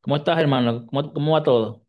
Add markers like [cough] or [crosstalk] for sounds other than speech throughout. ¿Cómo estás, hermano? ¿Cómo, cómo va todo?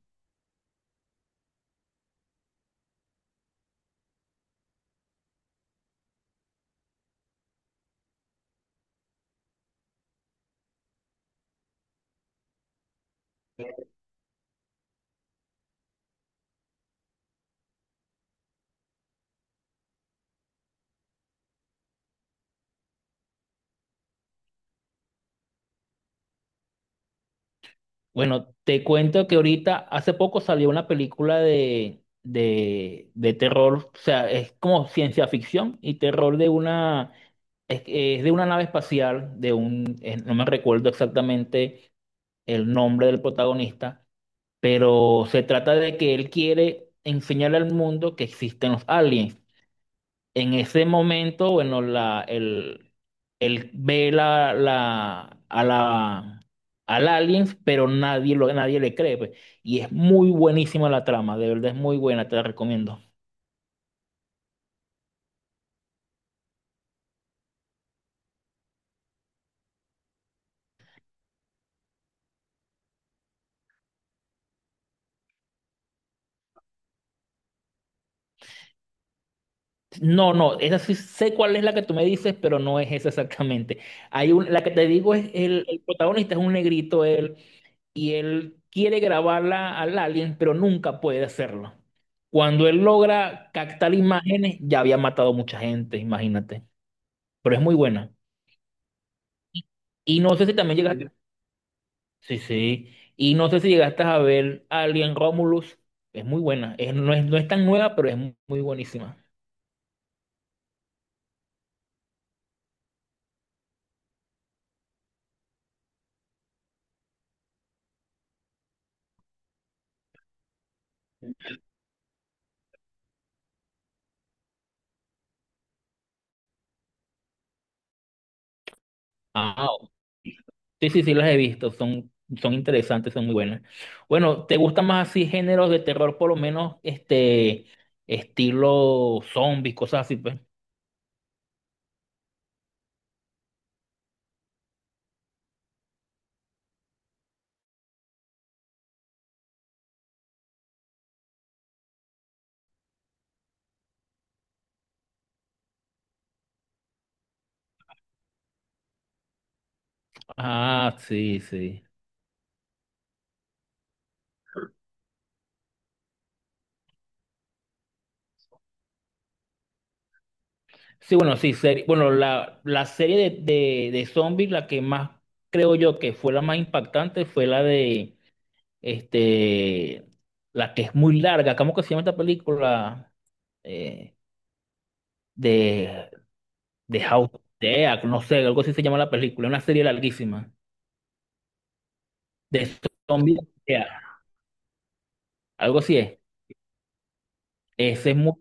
Bueno, te cuento que ahorita, hace poco salió una película de terror, o sea, es como ciencia ficción y terror de una, es de una nave espacial, de un, no me recuerdo exactamente el nombre del protagonista, pero se trata de que él quiere enseñarle al mundo que existen los aliens. En ese momento, bueno, la, el, él ve la, la, a la, al alien, pero nadie, lo, nadie le cree, pues. Y es muy buenísima la trama, de verdad es muy buena, te la recomiendo. No, no, esa sí sé cuál es la que tú me dices, pero no es esa exactamente. Hay un, la que te digo es el protagonista es un negrito, él, y él quiere grabarla al alien, pero nunca puede hacerlo. Cuando él logra captar imágenes, ya había matado mucha gente, imagínate. Pero es muy buena. Y no sé si también llegaste, sí, sí, sí, y no sé si llegaste a ver Alien Romulus, es muy buena, es, no es, no es tan nueva, pero es muy buenísima. Ah, sí, sí, sí, las he visto, son, son interesantes, son muy buenas. Bueno, ¿te gustan más así géneros de terror, por lo menos, este, estilo zombies, cosas así, pues? Ah, sí, sí. Sí, bueno, sí, serie, bueno, la serie de zombies, la que más creo yo que fue la más impactante fue la de este, la que es muy larga, ¿cómo que se llama esta película? Eh, de, de House of Dead, no sé, algo así se llama la película, una serie larguísima, de zombies, yeah, algo así es. Ese es muy,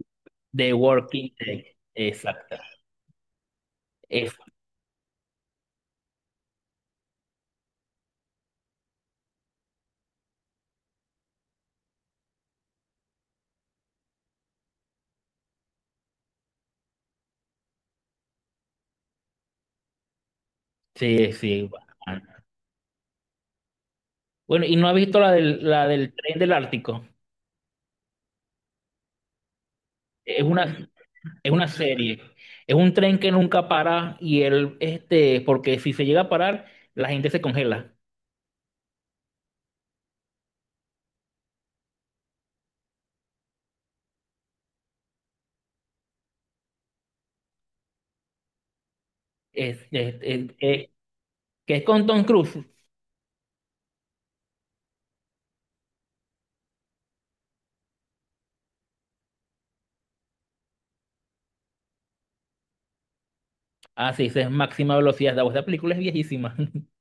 The Walking Dead, exacto. Es- sí, sí. Bacana. Bueno, ¿y no has visto la del tren del Ártico? Es una, es una serie. Es un tren que nunca para y él, este, porque si se llega a parar, la gente se congela. Es, es, es- es- que es con Tom Cruise. Así es máxima velocidad. La voz de la película es viejísima. [laughs]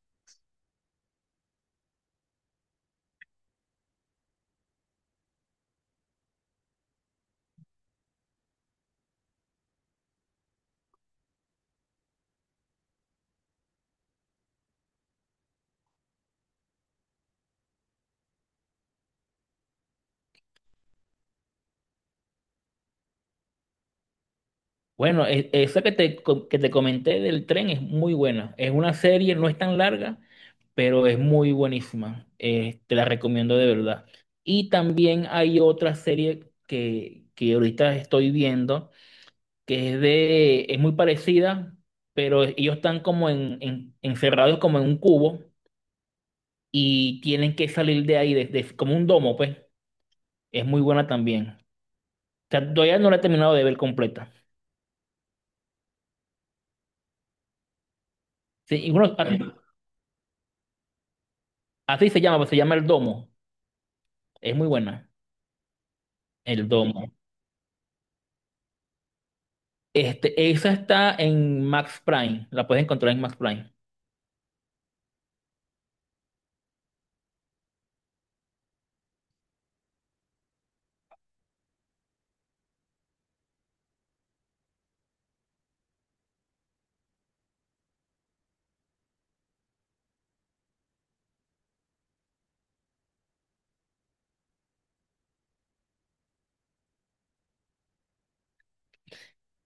Bueno, esa que te, que te comenté del tren es muy buena. Es una serie, no es tan larga, pero es muy buenísima. Te la recomiendo de verdad. Y también hay otra serie que ahorita estoy viendo, que es de, es muy parecida, pero ellos están como en, encerrados como en un cubo y tienen que salir de ahí, desde como un domo, pues. Es muy buena también. O sea, todavía no la he terminado de ver completa. Sí, y bueno, así se llama, pues se llama El Domo. Es muy buena, El Domo. Este, esa está en Max Prime, la puedes encontrar en Max Prime.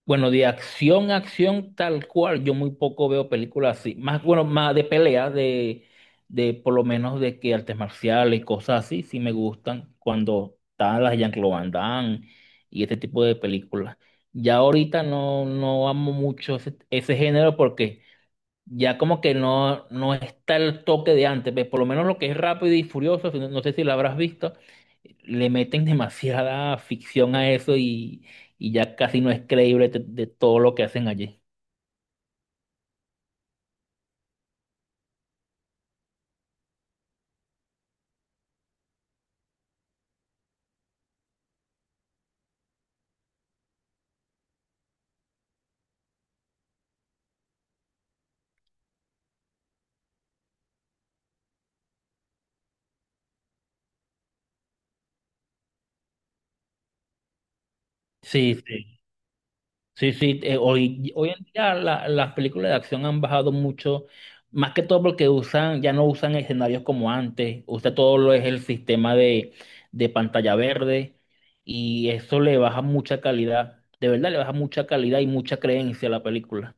Bueno, de acción a acción tal cual, yo muy poco veo películas así. Más, bueno, más de pelea, de por lo menos de que artes marciales y cosas así, sí me gustan cuando están las Jean-Claude Van Damme y este tipo de películas. Ya ahorita no, no amo mucho ese, ese género porque... ya como que no, no está el toque de antes, pues, por lo menos lo que es Rápido y Furioso, si no, no sé si lo habrás visto, le meten [laughs] demasiada ficción a eso y ya casi no es creíble de todo lo que hacen allí. Sí, sí. Sí, sí, hoy, hoy en día las películas de acción han bajado mucho, más que todo porque usan, ya no usan escenarios como antes, usa todo lo es el sistema de pantalla verde y eso le baja mucha calidad, de verdad le baja mucha calidad y mucha creencia a la película.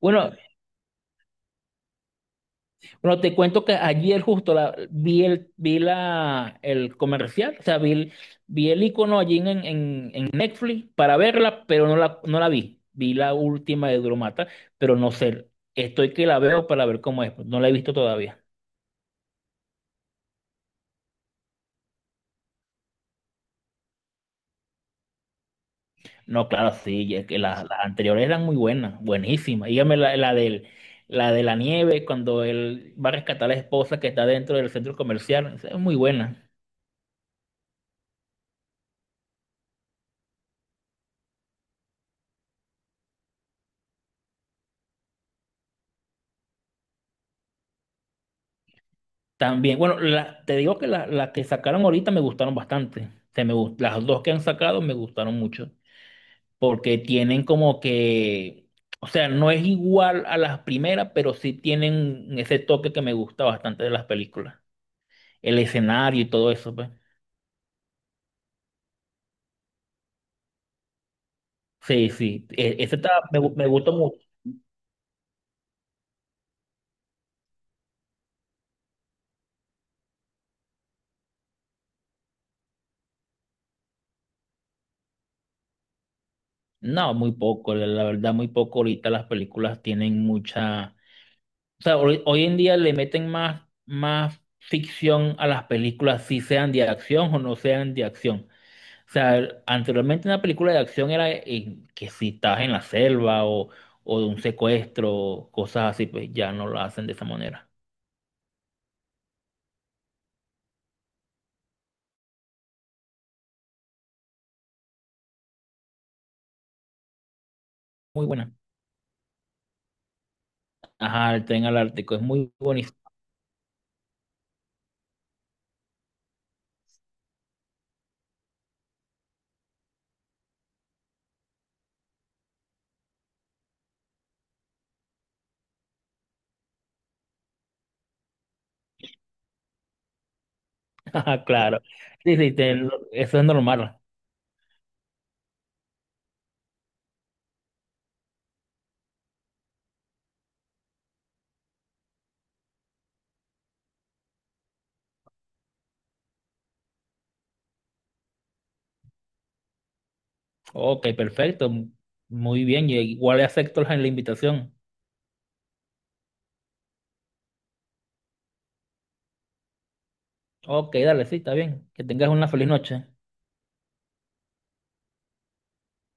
Bueno, Bueno, te cuento que ayer justo la, vi el, vi la, el comercial, o sea, vi el icono allí en Netflix para verla, pero no la, no la vi. Vi la última de Duromata, pero no sé, estoy que la veo para ver cómo es, pues, no la he visto todavía. No, claro, sí, y es que las anteriores eran muy buenas, buenísimas. Dígame la, la del, la de la nieve, cuando él va a rescatar a la esposa que está dentro del centro comercial, esa es muy buena. También, bueno, te digo que las que sacaron ahorita me gustaron bastante. Se me, las dos que han sacado me gustaron mucho. Porque tienen como que, o sea, no es igual a las primeras, pero sí tienen ese toque que me gusta bastante de las películas. El escenario y todo eso, pues. Sí, sí. Ese está, me gustó mucho. No, muy poco, la la verdad, muy poco. Ahorita las películas tienen mucha. O sea, hoy, hoy en día le meten más, más ficción a las películas, si sean de acción o no sean de acción. O sea, anteriormente una película de acción era que si estabas en la selva o de un secuestro, cosas así, pues ya no lo hacen de esa manera. Muy buena. Ajá, el tren al Ártico, es muy bonito. [laughs] Ajá, claro. Sí, sí, eso es normal. Ok, perfecto. Muy bien, yo igual acepto la la invitación. Ok, dale, sí, está bien. Que tengas una feliz noche.